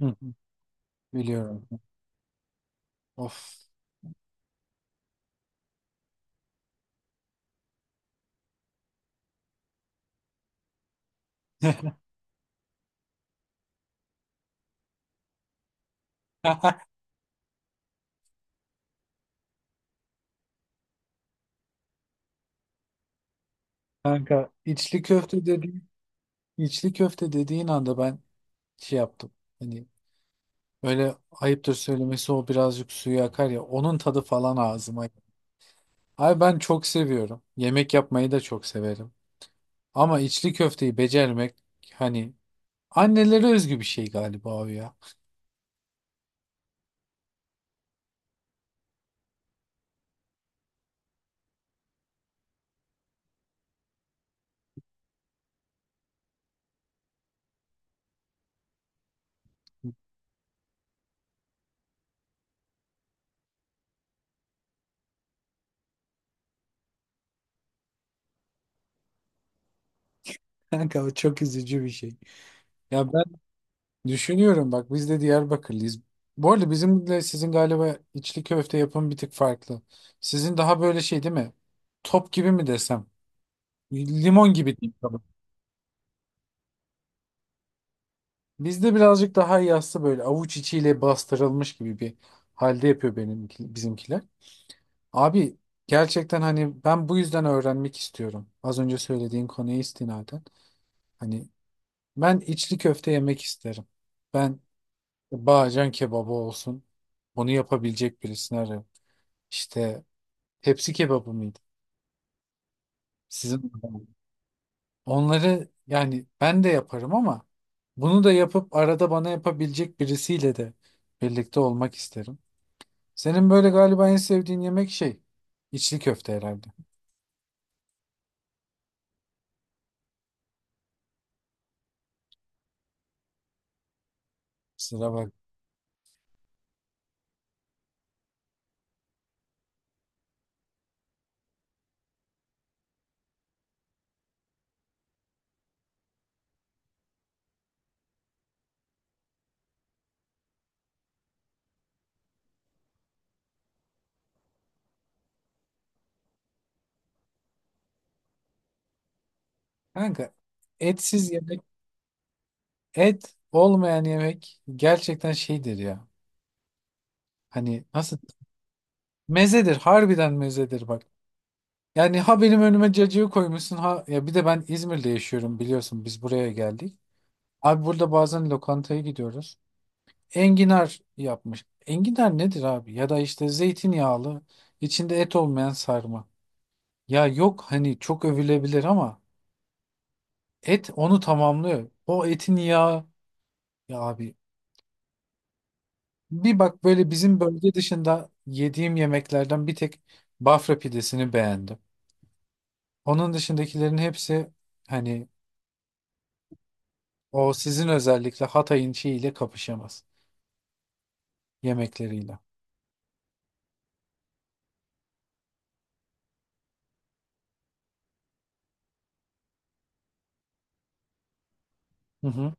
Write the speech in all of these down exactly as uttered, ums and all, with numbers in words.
Hı hı. Biliyorum. Of. Kanka içli köfte dediğin içli köfte dediğin anda ben şey yaptım. Hani böyle ayıptır söylemesi o birazcık suyu akar ya, onun tadı falan ağzıma. Ay ben çok seviyorum. Yemek yapmayı da çok severim. Ama içli köfteyi becermek hani annelere özgü bir şey galiba o ya. Kanka o çok üzücü bir şey. Ya ben düşünüyorum bak, biz de Diyarbakırlıyız. Bu arada bizimle sizin galiba içli köfte yapımı bir tık farklı. Sizin daha böyle şey değil mi? Top gibi mi desem? Limon gibi diyeyim tabii. Bizde birazcık daha yassı, böyle avuç içiyle bastırılmış gibi bir halde yapıyor benim bizimkiler. Abi gerçekten hani ben bu yüzden öğrenmek istiyorum. Az önce söylediğin konuya istinaden. Hani ben içli köfte yemek isterim. Ben Bağcan kebabı olsun. Bunu yapabilecek birisini arıyorum. İşte, tepsi kebabı mıydı? Sizin orada mı? Onları yani ben de yaparım ama bunu da yapıp arada bana yapabilecek birisiyle de birlikte olmak isterim. Senin böyle galiba en sevdiğin yemek şey, içli köfte herhalde. Sıra bak. Kanka etsiz yemek, et olmayan yemek gerçekten şeydir ya. Hani nasıl mezedir, harbiden mezedir bak. Yani ha benim önüme cacığı koymuşsun ha, ya bir de ben İzmir'de yaşıyorum, biliyorsun biz buraya geldik. Abi burada bazen lokantaya gidiyoruz. Enginar yapmış. Enginar nedir abi? Ya da işte zeytinyağlı, içinde et olmayan sarma. Ya yok hani çok övülebilir ama et onu tamamlıyor. O etin yağı ya abi, bir bak böyle bizim bölge dışında yediğim yemeklerden bir tek Bafra pidesini beğendim. Onun dışındakilerin hepsi hani o sizin özellikle Hatay'ın şeyiyle kapışamaz. Yemekleriyle. Hı hı.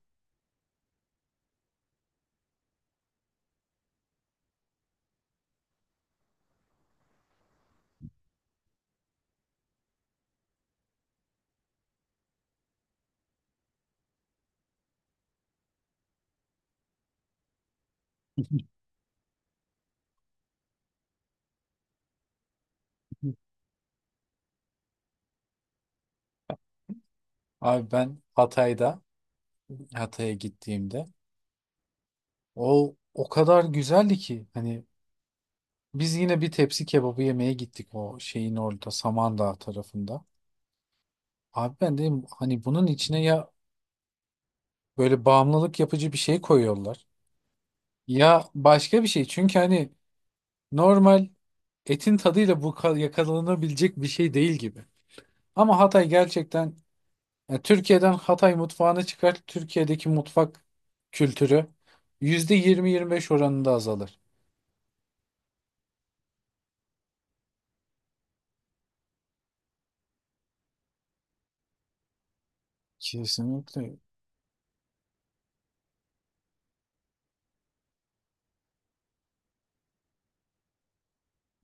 Abi ben Hatay'da, Hatay'a gittiğimde o o kadar güzeldi ki hani biz yine bir tepsi kebabı yemeye gittik o şeyin orada, Samandağ tarafında. Abi ben dedim hani bunun içine ya böyle bağımlılık yapıcı bir şey koyuyorlar ya başka bir şey. Çünkü hani normal etin tadıyla bu ka- yakalanabilecek bir şey değil gibi. Ama Hatay gerçekten. Yani Türkiye'den Hatay mutfağını çıkar, Türkiye'deki mutfak kültürü yüzde yirmi yirmi beş oranında azalır. Kesinlikle.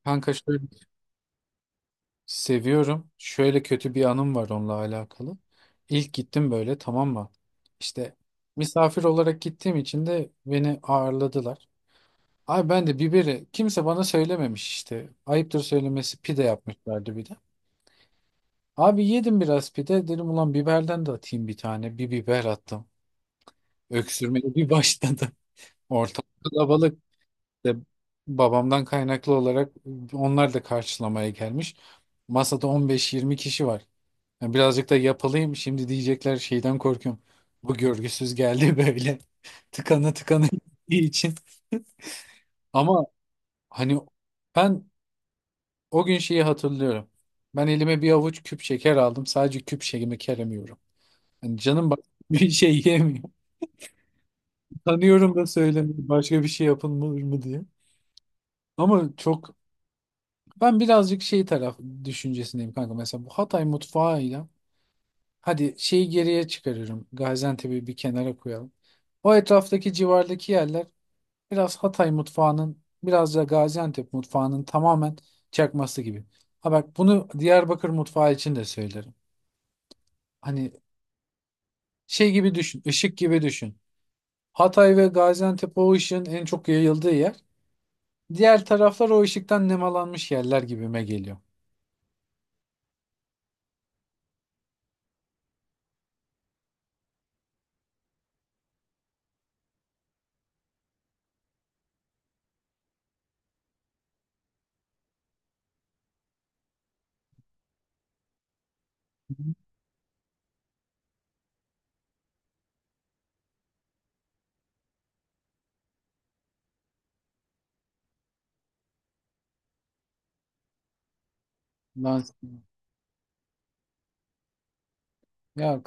Kanka şöyle seviyorum. Şöyle kötü bir anım var onunla alakalı. İlk gittim böyle, tamam mı? İşte misafir olarak gittiğim için de beni ağırladılar. Ay ben de, biberi kimse bana söylememiş işte. Ayıptır söylemesi pide yapmışlardı bir de. Abi yedim biraz pide, dedim ulan biberden de atayım bir tane. Bir biber attım. Öksürmeye bir başladı. Ortalık kalabalık. De babamdan kaynaklı olarak onlar da karşılamaya gelmiş. Masada on beş yirmi kişi var. Yani birazcık da yapılayım, şimdi diyecekler şeyden korkuyorum. Bu görgüsüz geldi böyle. Tıkanı tıkanı gittiği için. Ama hani ben o gün şeyi hatırlıyorum. Ben elime bir avuç küp şeker aldım. Sadece küp şekerimi keremiyorum. Yani canım bak bir şey yemiyor. Tanıyorum da söylemiyorum, başka bir şey yapılır mı diye. Ama çok Ben birazcık şey, taraf düşüncesindeyim kanka. Mesela bu Hatay mutfağıyla hadi şeyi geriye çıkarırım. Gaziantep'i bir kenara koyalım. O etraftaki, civardaki yerler biraz Hatay mutfağının, biraz da Gaziantep mutfağının tamamen çakması gibi. Ha bak, bunu Diyarbakır mutfağı için de söylerim. Hani şey gibi düşün, ışık gibi düşün. Hatay ve Gaziantep o ışığın en çok yayıldığı yer. Diğer taraflar o ışıktan nemalanmış yerler gibime geliyor. Lan, ya.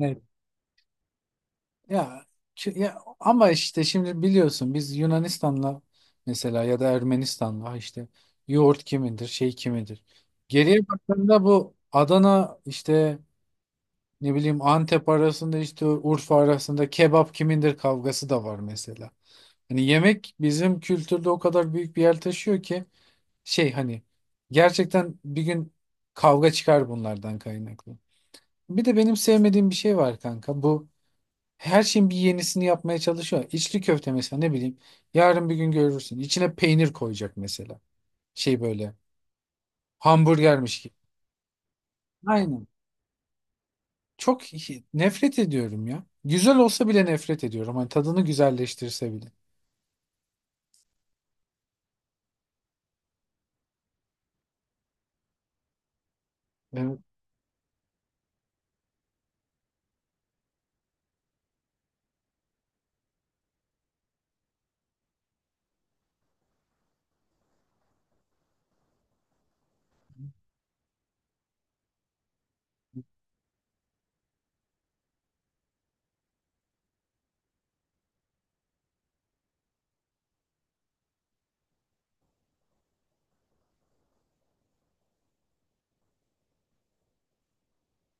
Evet. Ya, çi- ya ama işte şimdi biliyorsun biz Yunanistan'la mesela, ya da Ermenistan'la işte yoğurt kimindir, şey kimindir. Geriye baktığında bu Adana işte ne bileyim, Antep arasında işte Urfa arasında kebap kimindir kavgası da var mesela. Hani yemek bizim kültürde o kadar büyük bir yer taşıyor ki şey hani, gerçekten bir gün kavga çıkar bunlardan kaynaklı. Bir de benim sevmediğim bir şey var kanka. Bu her şeyin bir yenisini yapmaya çalışıyor. İçli köfte mesela, ne bileyim. Yarın bir gün görürsün. İçine peynir koyacak mesela. Şey böyle, hamburgermiş gibi. Aynen. Çok hi- nefret ediyorum ya. Güzel olsa bile nefret ediyorum. Hani tadını güzelleştirse bile. Evet.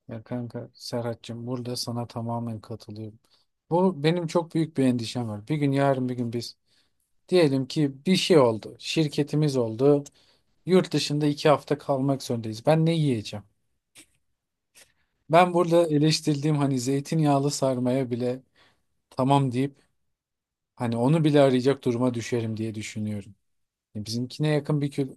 Ya kanka Serhat'cığım, burada sana tamamen katılıyorum. Bu benim çok büyük bir endişem var. Bir gün Yarın bir gün biz diyelim ki bir şey oldu. Şirketimiz oldu. Yurt dışında iki hafta kalmak zorundayız. Ben ne yiyeceğim? Ben burada eleştirdiğim hani zeytinyağlı sarmaya bile tamam deyip hani onu bile arayacak duruma düşerim diye düşünüyorum. Yani bizimkine yakın bir kül,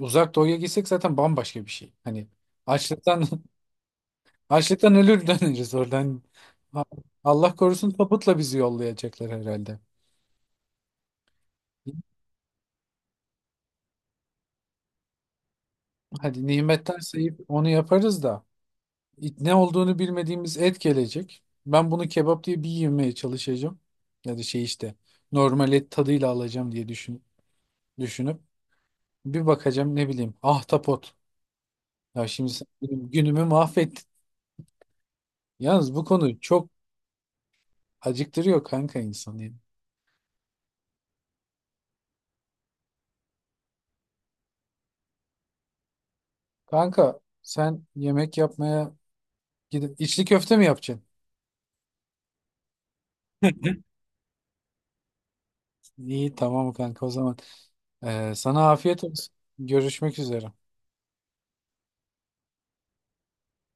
uzak doğuya gitsek zaten bambaşka bir şey. Hani açlıktan açlıktan ölür döneriz oradan. Ha- Allah korusun, tabutla bizi yollayacaklar herhalde. Hadi nimetten sayıp onu yaparız da it- ne olduğunu bilmediğimiz et gelecek. Ben bunu kebap diye bir yemeye çalışacağım. Ya da şey işte normal et tadıyla alacağım diye düşün, düşünüp. Bir bakacağım, ne bileyim. Ahtapot. Ya şimdi sen benim günümü mahvettin. Yalnız bu konu çok acıktırıyor kanka insanı, yani. Kanka sen yemek yapmaya gidip içli köfte mi yapacaksın? İyi tamam kanka, o zaman. Ee, sana afiyet olsun. Görüşmek üzere.